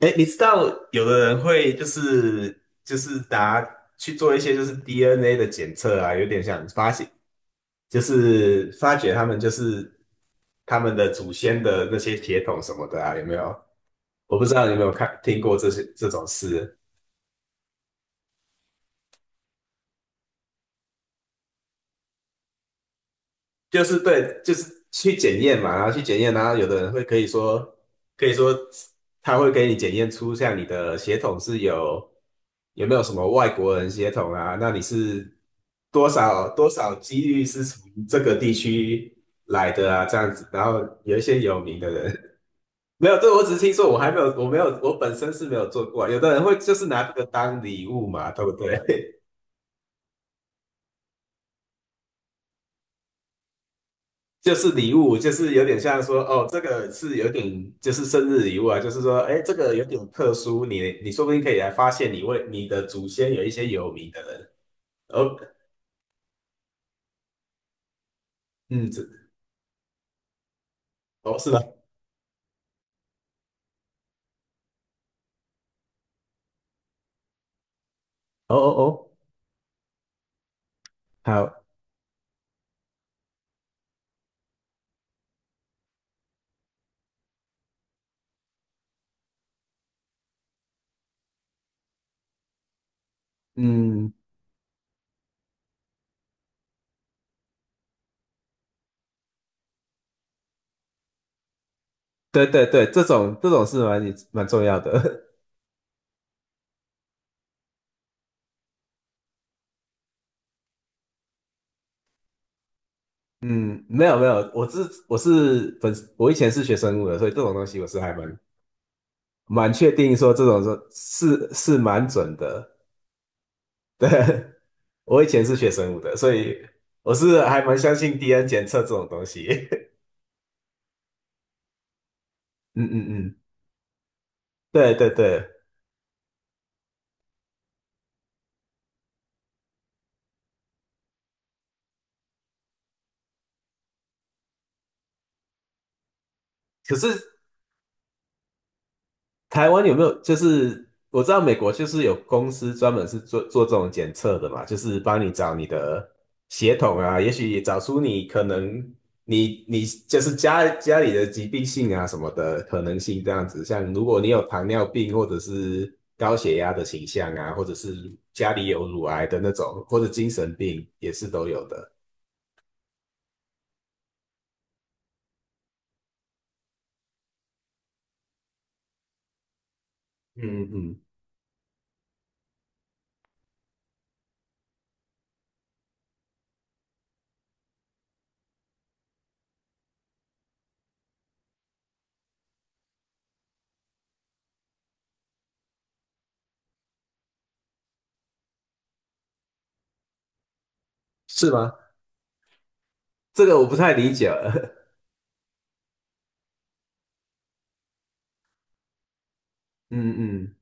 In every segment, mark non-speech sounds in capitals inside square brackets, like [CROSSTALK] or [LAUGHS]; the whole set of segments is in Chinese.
哎，你知道有的人会就是拿去做一些就是 DNA 的检测啊，有点像发现，就是发掘他们的祖先的那些铁桶什么的啊，有没有？我不知道你有没有听过这种事。就是对，就是去检验嘛，然后去检验，然后有的人会可以说，可以说他会给你检验出像你的血统有没有什么外国人血统啊？那你是多少几率是从这个地区来的啊？这样子，然后有一些有名的人。 [LAUGHS] 没有，对，我只是听说，我没有，我本身是没有做过啊。有的人会就是拿这个当礼物嘛，对不对？就是礼物，就是有点像说，哦，这个是有点就是生日礼物啊，就是说，哎，这个有点特殊，你说不定可以来发现你为你的祖先有一些有名的人。哦。嗯。哦，是吗？哦哦哦。好。嗯。对对对，这种是蛮重要的。[LAUGHS] 嗯，没有没有，我以前是学生物的，所以这种东西我是还蛮确定说这种说是蛮准的。[LAUGHS] 对，我以前是学生物的，所以我是还蛮相信 DNA 检测这种东西。[LAUGHS] 嗯嗯嗯，对对对。可是台湾有没有？就是我知道美国就是有公司专门是做做这种检测的嘛，就是帮你找你的血统啊，也许也找出你可能你就是家里的疾病性啊什么的可能性这样子。像如果你有糖尿病或者是高血压的倾向啊，或者是家里有乳癌的那种，或者精神病也是都有的。嗯嗯。是吗？这个我不太理解了。 [LAUGHS] 嗯嗯，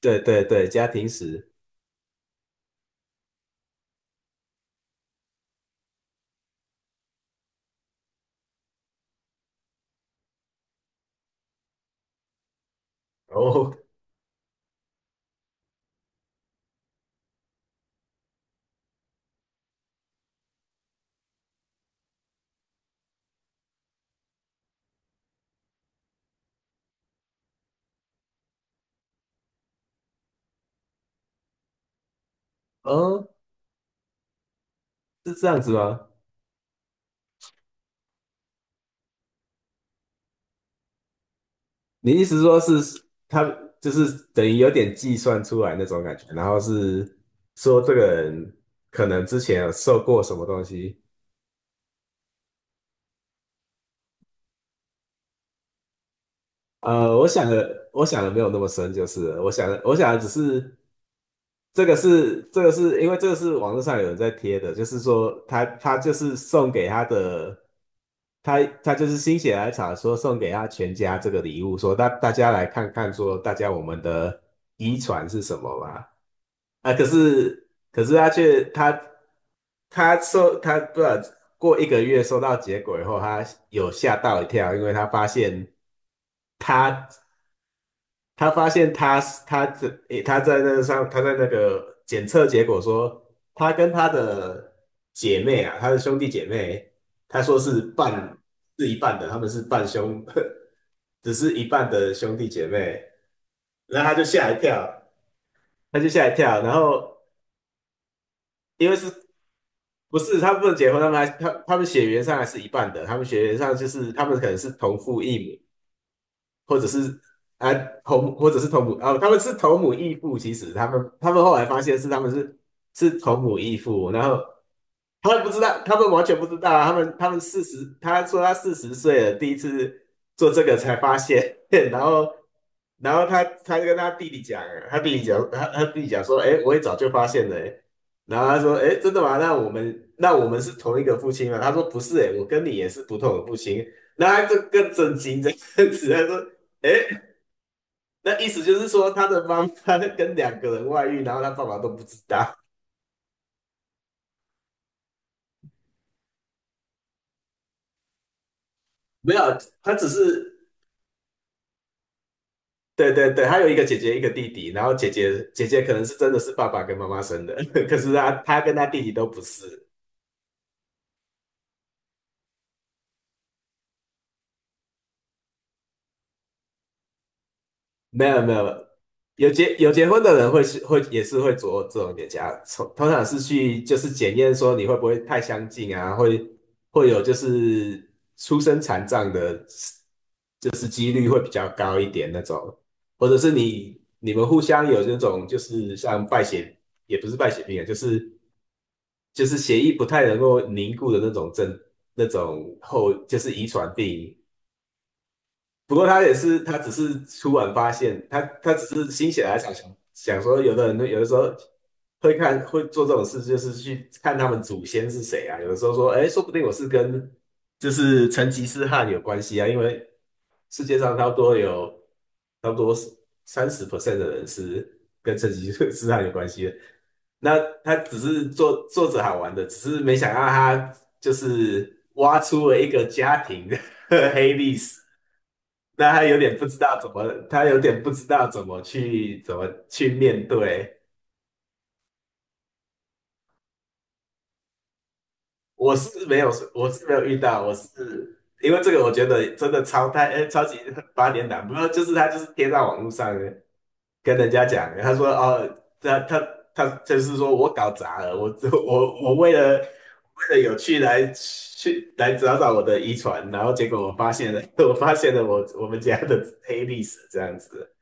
对对对，家庭史。哦哦。是这样子吗？你意思说是他就是等于有点计算出来那种感觉，然后是说这个人可能之前有受过什么东西。我想的，没有那么深，就是了我想的只是这个是因为这个是网络上有人在贴的，就是说他就是送给他的，他就是心血来潮说送给他全家这个礼物，说大家来看看说大家我们的遗传是什么吧。啊，可是他却他他收他不知道，过一个月收到结果以后，他有吓到一跳，因为他发现。他他发现他他这他在那个检测结果说，他跟他的姐妹啊，他的兄弟姐妹，他说是一半的，他们是半兄，[LAUGHS] 只是一半的兄弟姐妹。然后他就吓一跳，然后因为他们不能结婚，他们血缘上还是一半的，他们血缘上就是他们可能是同父异母。或者是啊或者是同母啊，他们是同母异父，其实他们后来发现是他们是是同母异父。然后他们不知道，他们完全不知道啊，他们四十，他说他四十岁了，第一次做这个才发现。[LAUGHS] 然后他跟他弟弟讲，他弟弟讲说，哎，我也早就发现了欸。然后他说，哎，真的吗？那我们是同一个父亲吗？他说不是，哎，我跟你也是不同的父亲。然后他就更震惊这样子，他说："哎，那意思就是说，他的妈妈 [LAUGHS] 跟两个人外遇，然后他爸爸都不知道。没有，他只是，对对对，他有一个姐姐，一个弟弟，然后姐姐可能是真的是爸爸跟妈妈生的。[LAUGHS] 可是他他跟他弟弟都不是。没有没有，有结婚的人会是会也是会做这种检查，通常是去就是检验说你会不会太相近啊，会有就是出生残障的，就是几率会比较高一点那种，或者是你们互相有那种就是像败血，也不是败血病啊，就是血液不太能够凝固的那种症那种后就是遗传病。不过他也是，他只是突然发现，他只是心血来潮想想说，有的人有的时候会做这种事，就是去看他们祖先是谁啊。有的时候说，哎，说不定我是跟就是成吉思汗有关系啊，因为世界上差不多有差不多30% 的人是跟成吉思汗有关系的。那他只是做做着好玩的，只是没想到他就是挖出了一个家庭的 [LAUGHS] 黑历史。那他有点不知道怎么去面对。我是没有，我是没有遇到，我是因为这个，我觉得真的哎，超级八点档。不过就是他就是贴到网络上跟人家讲，他说哦，他就是说我搞砸了，我为了有趣来去来找找我的遗传，然后结果我发现了。[LAUGHS] 我发现了我们家的黑历史这样子。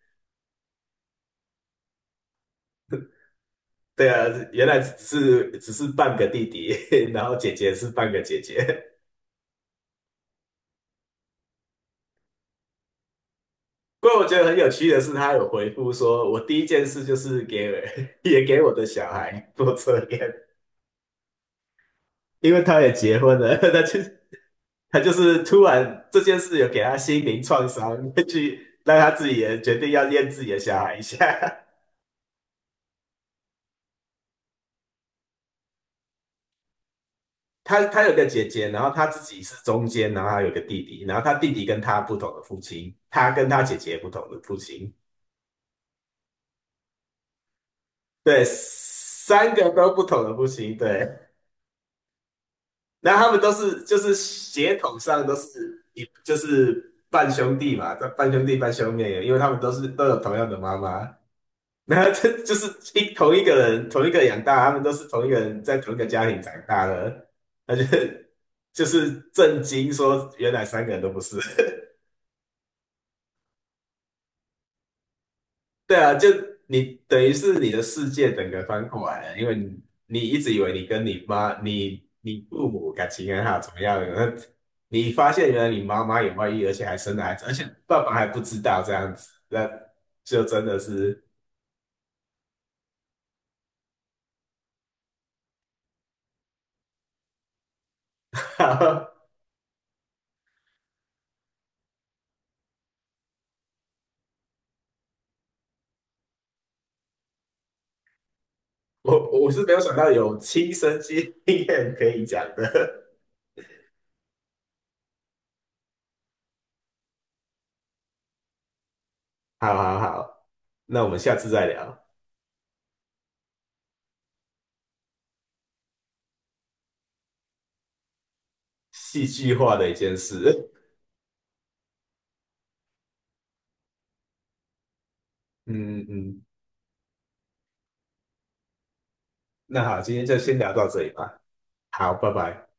对啊，原来只是半个弟弟，[LAUGHS] 然后姐姐是半个姐姐。不过我觉得很有趣的是，他有回复说，我第一件事就是给 [LAUGHS] 也给我的小孩做测验，因为他也结婚了。[LAUGHS] 他就是突然这件事有给他心灵创伤，去让他自己也决定要验自己的小孩一下。[LAUGHS] 他有个姐姐，然后他自己是中间，然后他有个弟弟，然后他弟弟跟他不同的父亲，他跟他姐姐不同的父亲。对，三个都不同的户型，对。那他们都是就是血统上都是就是半兄弟嘛，半兄弟半兄妹，因为他们都是都有同样的妈妈。[LAUGHS] 那这就是同一个人，同一个养大，他们都是同一个人在同一个家庭长大的，那就震惊说原来三个人都不是。[LAUGHS] 对啊，就你等于是你的世界整个翻过来了，因为你一直以为你跟你妈、你父母感情很好，怎么样？那你发现原来你妈妈有外遇，而且还生了孩子，而且爸爸还不知道这样子，那就真的是。[LAUGHS] 我是没有想到有亲身经验可以讲的。[LAUGHS] 好好好，那我们下次再聊戏剧化的一件事。[LAUGHS] 嗯嗯，那好，今天就先聊到这里吧。好，拜拜。